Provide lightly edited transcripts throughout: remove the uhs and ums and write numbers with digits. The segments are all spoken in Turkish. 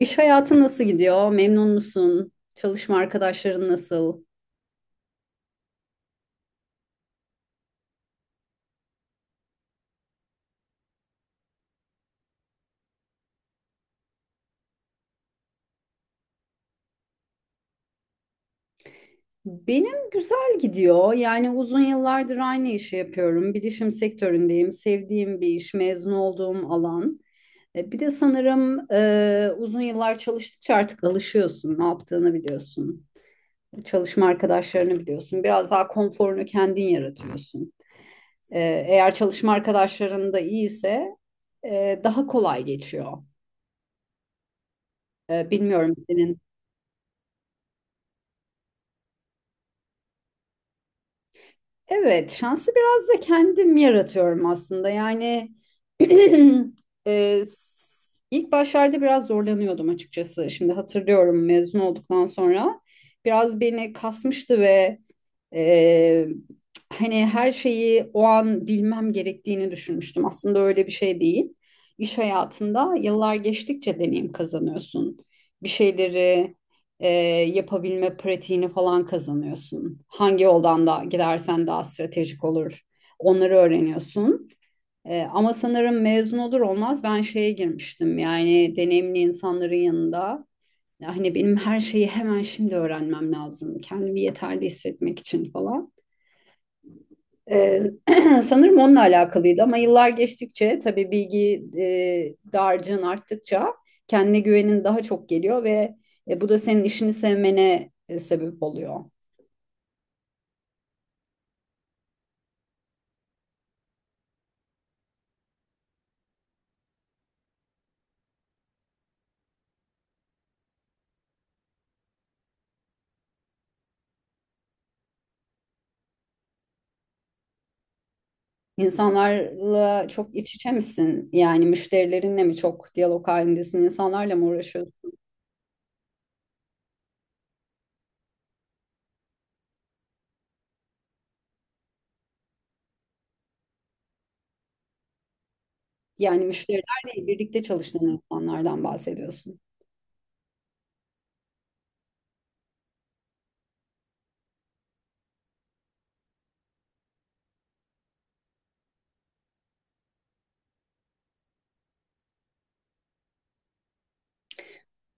İş hayatı nasıl gidiyor? Memnun musun? Çalışma arkadaşların nasıl? Benim güzel gidiyor. Yani uzun yıllardır aynı işi yapıyorum. Bilişim sektöründeyim. Sevdiğim bir iş, mezun olduğum alan. Bir de sanırım uzun yıllar çalıştıkça artık alışıyorsun. Ne yaptığını biliyorsun. Çalışma arkadaşlarını biliyorsun. Biraz daha konforunu kendin yaratıyorsun. E, eğer çalışma arkadaşların da iyiyse daha kolay geçiyor. Bilmiyorum senin. Evet, şansı biraz da kendim yaratıyorum aslında. Yani ilk başlarda biraz zorlanıyordum açıkçası. Şimdi hatırlıyorum mezun olduktan sonra biraz beni kasmıştı ve ee, hani her şeyi o an bilmem gerektiğini düşünmüştüm. Aslında öyle bir şey değil. İş hayatında yıllar geçtikçe deneyim kazanıyorsun. Bir şeyleri e, yapabilme pratiğini falan kazanıyorsun. Hangi yoldan da gidersen daha stratejik olur. Onları öğreniyorsun. Ama sanırım mezun olur olmaz ben şeye girmiştim. Yani deneyimli insanların yanında, hani benim her şeyi hemen şimdi öğrenmem lazım. Kendimi yeterli hissetmek için falan. Ee, sanırım onunla alakalıydı ama yıllar geçtikçe tabii bilgi dağarcığın arttıkça kendine güvenin daha çok geliyor ve bu da senin işini sevmene sebep oluyor. İnsanlarla çok iç içe misin? Yani müşterilerinle mi çok diyalog halindesin? İnsanlarla mı uğraşıyorsun? Yani müşterilerle birlikte çalışan insanlardan bahsediyorsun.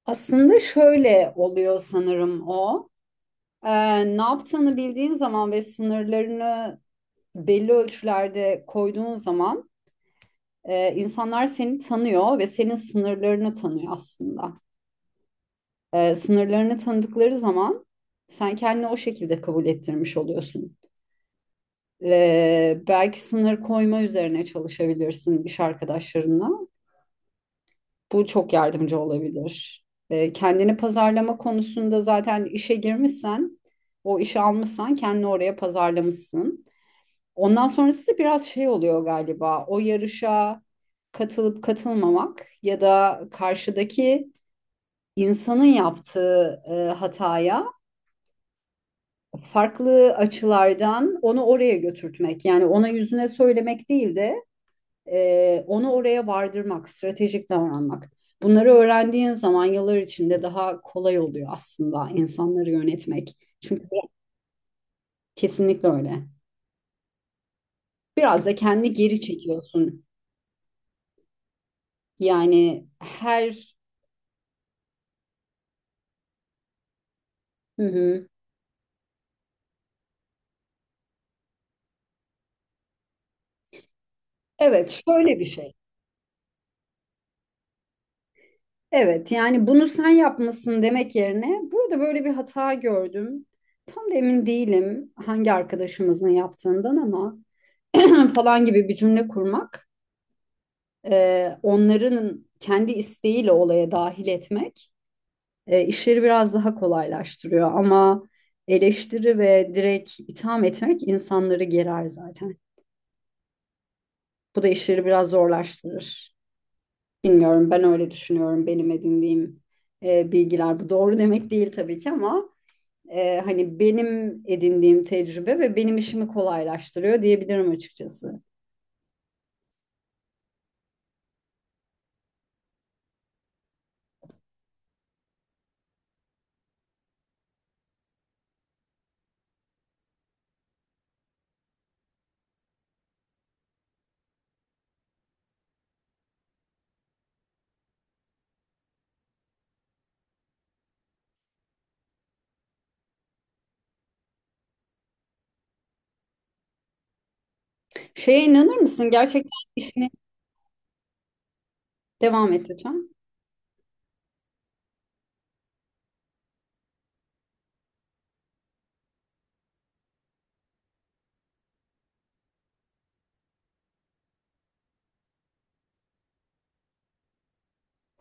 Aslında şöyle oluyor sanırım o. Ne yaptığını bildiğin zaman ve sınırlarını belli ölçülerde koyduğun zaman insanlar seni tanıyor ve senin sınırlarını tanıyor aslında. Sınırlarını tanıdıkları zaman sen kendini o şekilde kabul ettirmiş oluyorsun. Belki sınır koyma üzerine çalışabilirsin iş arkadaşlarına. Bu çok yardımcı olabilir. Kendini pazarlama konusunda zaten işe girmişsen, o işi almışsan kendini oraya pazarlamışsın. Ondan sonrası da biraz şey oluyor galiba. O yarışa katılıp katılmamak ya da karşıdaki insanın yaptığı hataya farklı açılardan onu oraya götürtmek. Yani ona yüzüne söylemek değil de onu oraya vardırmak, stratejik davranmak. Bunları öğrendiğin zaman yıllar içinde daha kolay oluyor aslında insanları yönetmek. Çünkü kesinlikle öyle. Biraz da kendi geri çekiyorsun. Yani her... Hı hı. Evet, şöyle bir şey. Evet, yani bunu sen yapmasın demek yerine burada böyle bir hata gördüm. Tam da emin değilim hangi arkadaşımızın yaptığından ama falan gibi bir cümle kurmak onların kendi isteğiyle olaya dahil etmek işleri biraz daha kolaylaştırıyor. Ama eleştiri ve direkt itham etmek insanları gerer zaten. Bu da işleri biraz zorlaştırır. Bilmiyorum, ben öyle düşünüyorum, benim edindiğim bilgiler. Bu doğru demek değil tabii ki ama hani benim edindiğim tecrübe ve benim işimi kolaylaştırıyor diyebilirim açıkçası. Şeye inanır mısın? Gerçekten işini, devam et lütfen.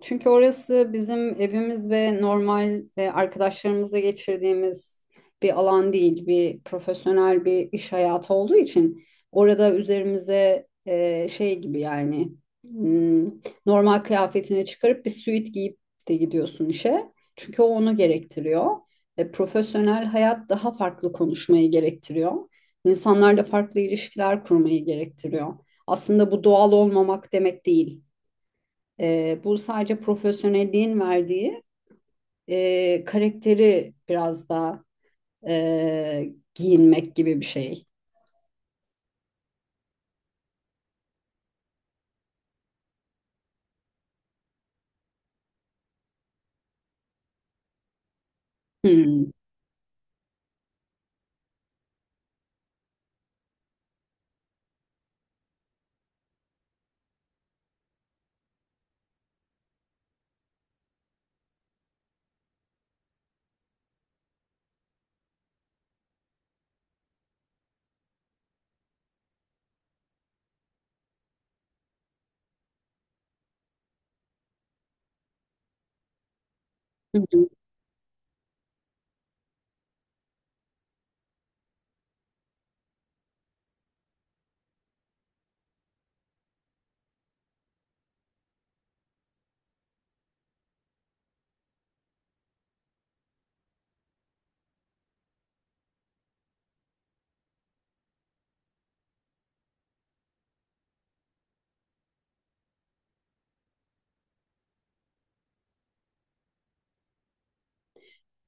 Çünkü orası bizim evimiz ve normal arkadaşlarımızla geçirdiğimiz bir alan değil, bir profesyonel bir iş hayatı olduğu için orada üzerimize şey gibi, yani hmm, normal kıyafetini çıkarıp bir süit giyip de gidiyorsun işe. Çünkü o onu gerektiriyor. Profesyonel hayat daha farklı konuşmayı gerektiriyor. İnsanlarla farklı ilişkiler kurmayı gerektiriyor. Aslında bu doğal olmamak demek değil. Bu sadece profesyonelliğin verdiği karakteri biraz daha giyinmek gibi bir şey. Hmm. Hı hı.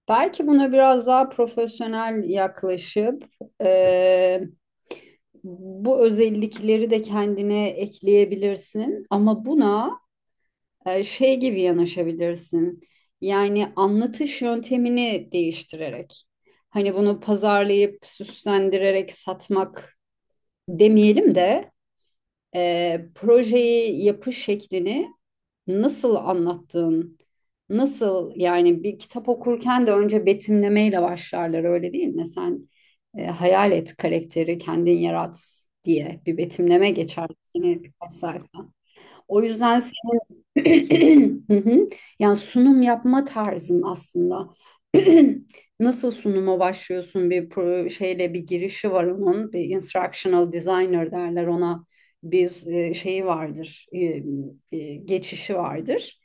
Belki buna biraz daha profesyonel yaklaşıp e, bu özellikleri de kendine ekleyebilirsin. Ama buna şey gibi yanaşabilirsin. Yani anlatış yöntemini değiştirerek. Hani bunu pazarlayıp süslendirerek satmak demeyelim de projeyi yapış şeklini, nasıl anlattığın, nasıl, yani bir kitap okurken de önce betimlemeyle başlarlar, öyle değil mi? Sen hayal et, karakteri kendin yarat diye bir betimleme geçer. Yani birkaç sayfa. O yüzden hı hı. Yani sunum yapma tarzım aslında. Nasıl sunuma başlıyorsun? Şeyle bir girişi var onun. Bir instructional designer derler ona. Bir şeyi vardır. Geçişi vardır.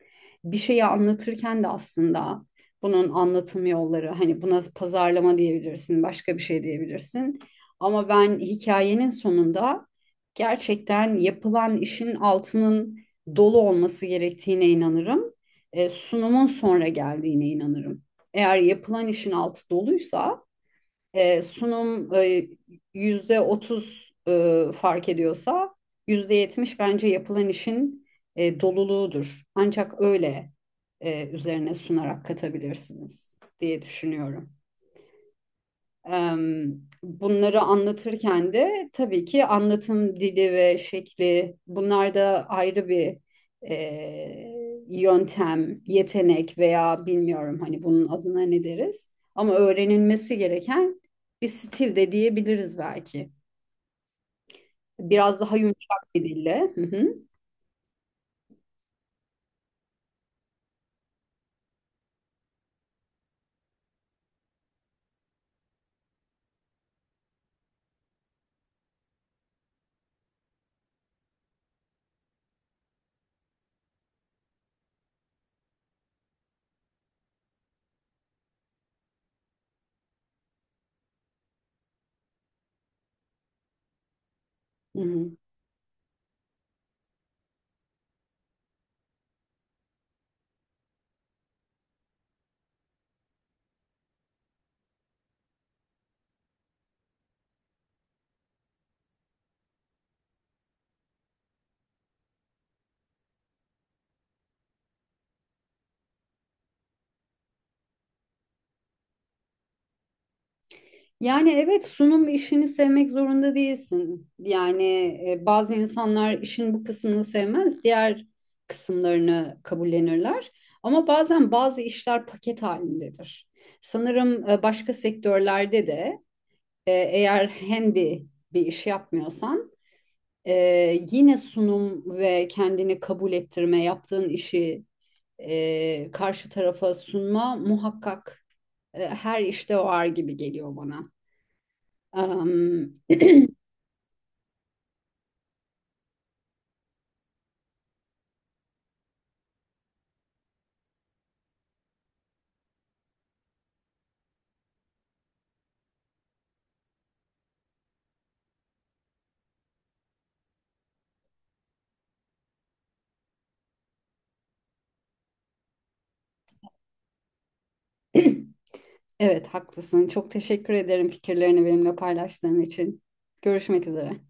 Bir şeyi anlatırken de aslında bunun anlatım yolları, hani buna pazarlama diyebilirsin, başka bir şey diyebilirsin. Ama ben hikayenin sonunda gerçekten yapılan işin altının dolu olması gerektiğine inanırım. Sunumun sonra geldiğine inanırım. Eğer yapılan işin altı doluysa, sunum %30 fark ediyorsa, %70 bence yapılan işin doluluğudur. Ancak öyle üzerine sunarak katabilirsiniz diye düşünüyorum. Bunları anlatırken de tabii ki anlatım dili ve şekli, bunlar da ayrı bir yöntem, yetenek veya bilmiyorum hani bunun adına ne deriz. Ama öğrenilmesi gereken bir stil de diyebiliriz belki. Biraz daha yumuşak bir dille. Hı hı. Hı hı. Yani evet, sunum işini sevmek zorunda değilsin. Yani bazı insanlar işin bu kısmını sevmez, diğer kısımlarını kabullenirler. Ama bazen bazı işler paket halindedir. Sanırım başka sektörlerde de eğer handy bir iş yapmıyorsan e, yine sunum ve kendini kabul ettirme, yaptığın işi karşı tarafa sunma muhakkak her işte var gibi geliyor bana. Evet, haklısın. Çok teşekkür ederim fikirlerini benimle paylaştığın için. Görüşmek üzere.